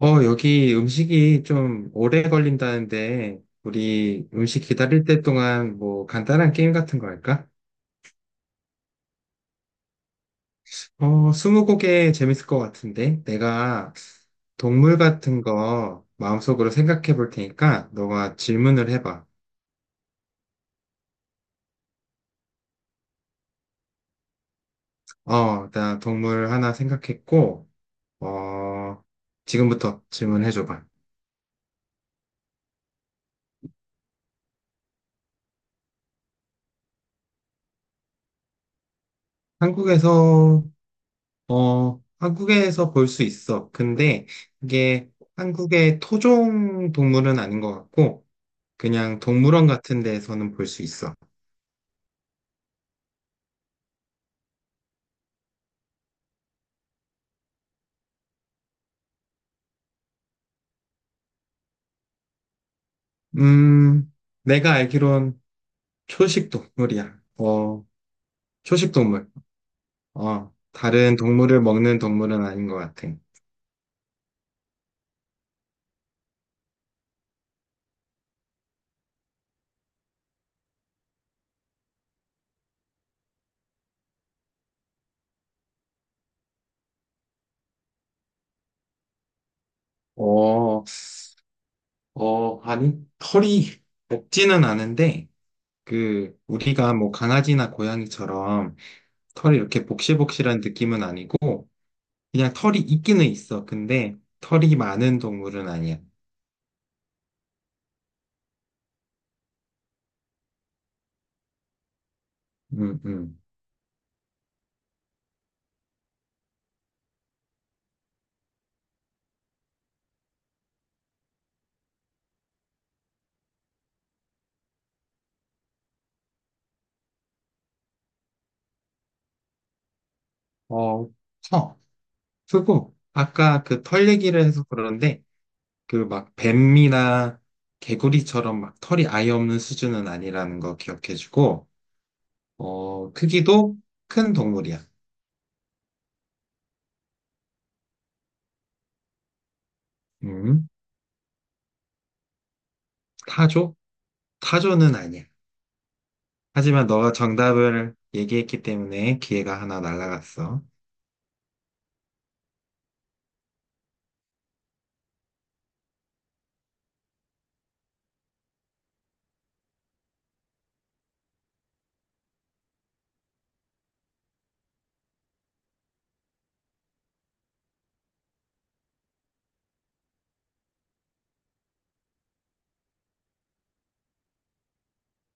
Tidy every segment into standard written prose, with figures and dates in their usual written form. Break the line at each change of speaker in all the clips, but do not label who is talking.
여기 음식이 좀 오래 걸린다는데, 우리 음식 기다릴 때 동안 뭐 간단한 게임 같은 거 할까? 스무고개 재밌을 것 같은데, 내가 동물 같은 거 마음속으로 생각해 볼 테니까, 너가 질문을 해봐. 나 동물 하나 생각했고, 어, 지금부터 질문해 줘봐. 한국에서 한국에서 볼 수 있어. 근데 이게 한국의 토종 동물은 아닌 것 같고, 그냥 동물원 같은 데에서는 볼 수 있어. 음, 내가 알기론 초식 동물이야. 초식 동물. 다른 동물을 먹는 동물은 아닌 것 같아. 어, 아니, 털이 없지는 않은데, 그, 우리가 뭐 강아지나 고양이처럼 털이 이렇게 복실복실한 느낌은 아니고, 그냥 털이 있기는 있어. 근데 털이 많은 동물은 아니야. 음, 음. 어, 커. 크고, 아까 그 털 얘기를 해서 그러는데, 그 막 뱀이나 개구리처럼 막 털이 아예 없는 수준은 아니라는 거 기억해주고, 크기도 큰 동물이야. 음, 타조? 타조는 아니야. 하지만 너가 정답을 얘기했기 때문에 기회가 하나 날아갔어.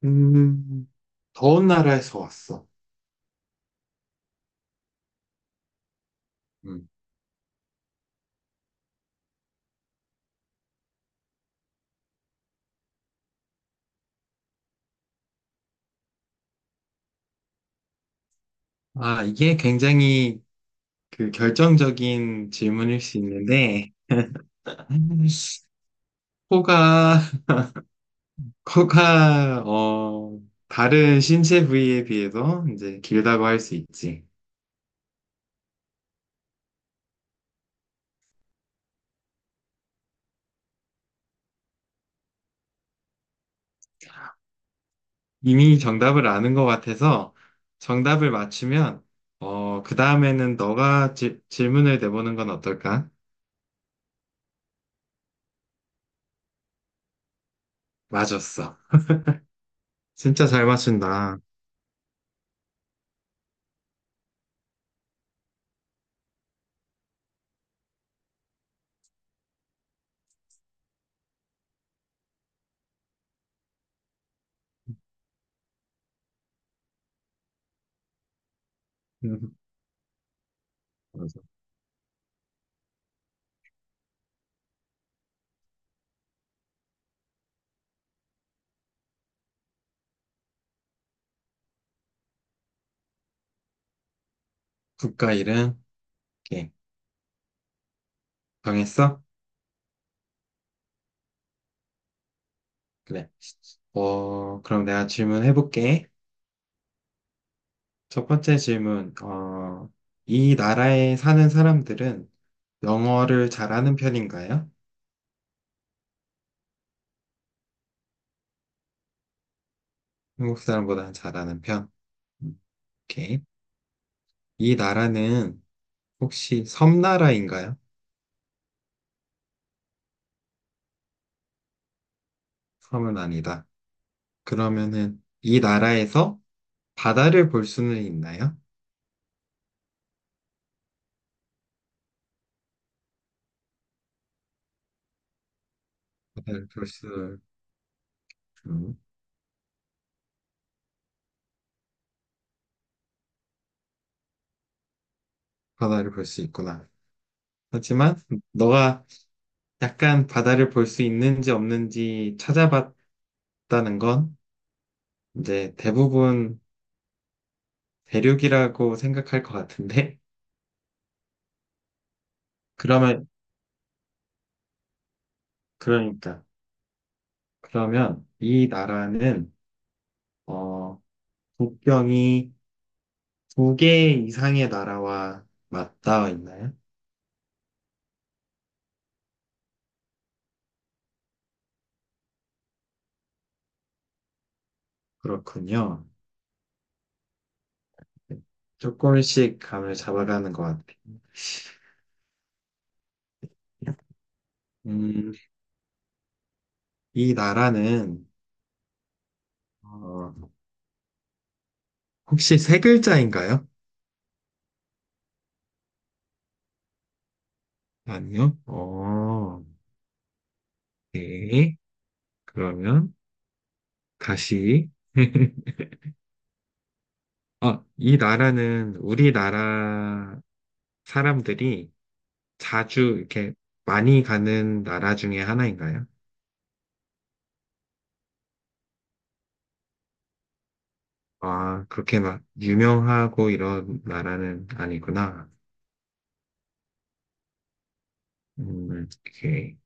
음, 더운 나라에서 왔어. 음. 아, 이게 굉장히 그 결정적인 질문일 수 있는데, 코가, 코가, 다른 신체 부위에 비해서 이제 길다고 할 수 있지. 이미 정답을 아는 것 같아서 정답을 맞추면, 그 다음에는 너가 질문을 내보는 건 어떨까? 맞았어. 진짜 잘 맞춘다. 음, 맞아. 국가 이름? 오케이. 정했어? 그래. 그럼 내가 질문해볼게. 첫 번째 질문. 이 나라에 사는 사람들은 영어를 잘하는 편인가요? 한국 사람보다는 잘하는 편. 음, 오케이. 이 나라는 혹시 섬나라인가요? 섬은 아니다. 그러면은 이 나라에서 바다를 볼 수는 있나요? 바다를 볼 수, 음, 바다를 볼 수 있구나. 하지만 너가 약간 바다를 볼 수 있는지 없는지 찾아봤다는 건 이제 대부분 대륙이라고 생각할 것 같은데 그러면 그러니까 그러면 이 나라는 어 국경이 두 개 이상의 나라와 맞닿아 있나요? 그렇군요. 네. 조금씩 감을 잡아가는 것 같아요. 음, 이 나라는 어, 혹시 세 글자인가요? 아니요. 어, 네. 그러면 다시 아, 이 나라는 우리나라 사람들이 자주 이렇게 많이 가는 나라 중에 하나인가요? 아, 그렇게 막 유명하고 이런 나라는 아니구나. 오케이.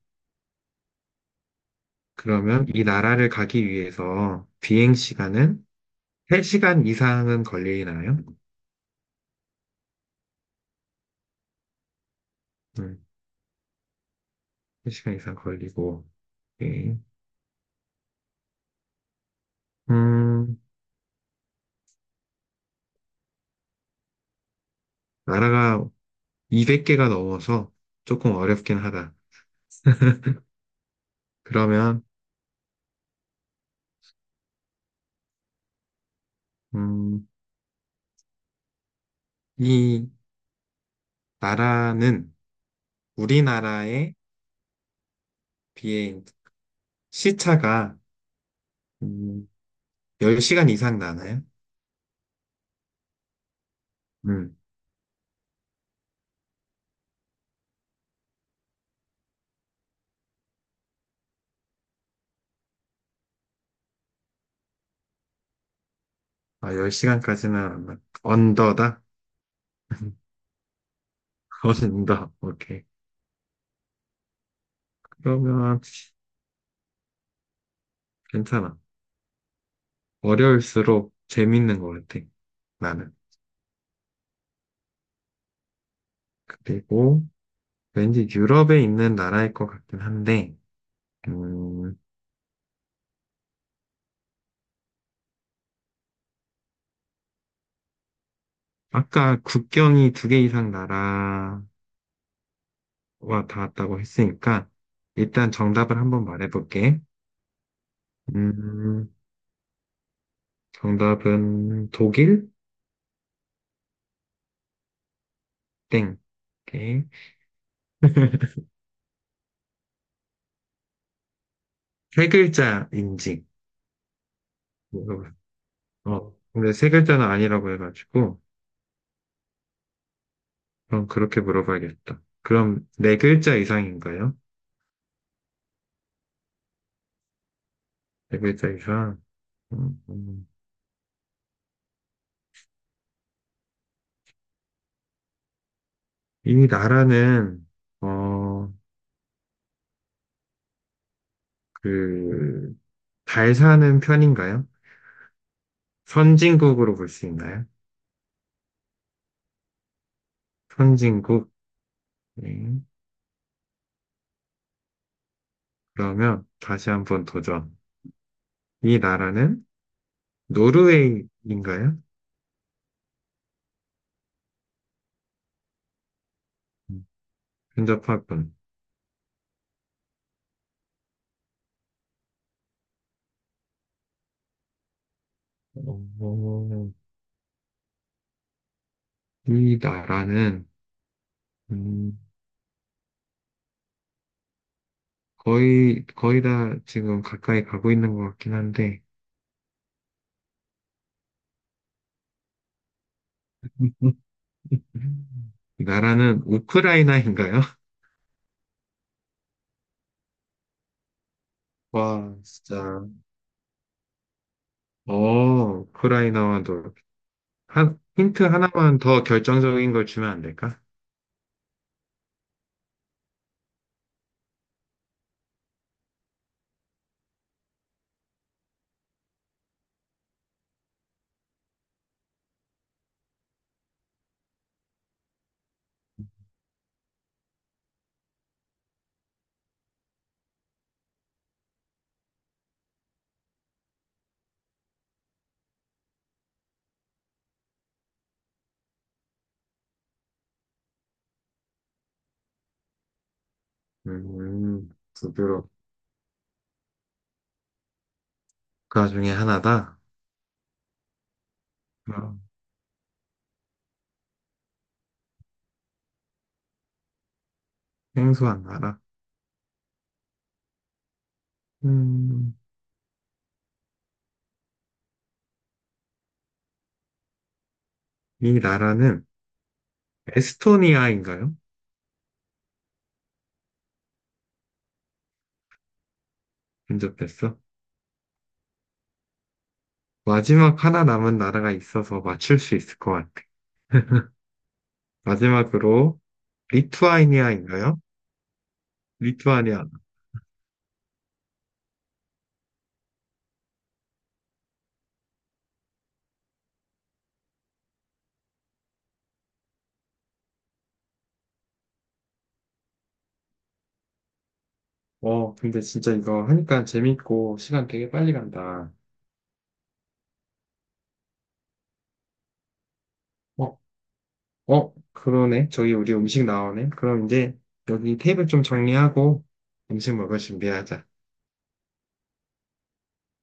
그러면 이 나라를 가기 위해서 비행 시간은 3시간 이상은 걸리나요? 음, 3시간 이상 걸리고. 오케이. 음, 나라가 200개가 넘어서 조금 어렵긴 하다. 그러면, 음, 이 나라는 우리나라에 비해 시차가 음, 10시간 이상 나나요? 음. 아, 10시간까지는 안 나. 언더다? 언더. 오케이. 그러면 괜찮아. 어려울수록 재밌는 것 같아. 나는. 그리고 왠지 유럽에 있는 나라일 것 같긴 한데, 음, 아까 국경이 두 개 이상 나라와 닿았다고 했으니까, 일단 정답을 한번 말해볼게. 음, 정답은 독일? 땡. 오케이. 세 글자 인증. 물어봐. 근데 세 글자는 아니라고 해가지고, 그럼 그렇게 물어봐야겠다. 그럼 네 글자 이상인가요? 네 글자 이상. 음, 음. 이 나라는, 어, 그, 잘 사는 편인가요? 선진국으로 볼 수 있나요? 선진국. 네. 그러면 다시 한번 도전. 이 나라는 노르웨이인가요? 음, 근접하군. 어, 이 나라는, 음, 거의 다 지금 가까이 가고 있는 것 같긴 한데, 음. 음. 나라는 우크라이나인가요? 와, 진짜. 우크라이나와도, 한, 힌트 하나만 더 결정적인 걸 주면 안 될까? 두 유럽 국가 중에 하나다. 아, 생소한 나라. 음, 이 나라는 에스토니아인가요? 근접했어. 마지막 하나 남은 나라가 있어서 맞출 수 있을 것 같아. 마지막으로, 리투아니아인가요? 리투아니아. 근데 진짜 이거 하니까 재밌고 시간 되게 빨리 간다. 어, 그러네. 저기 우리 음식 나오네. 그럼 이제 여기 테이블 좀 정리하고 음식 먹을 준비하자.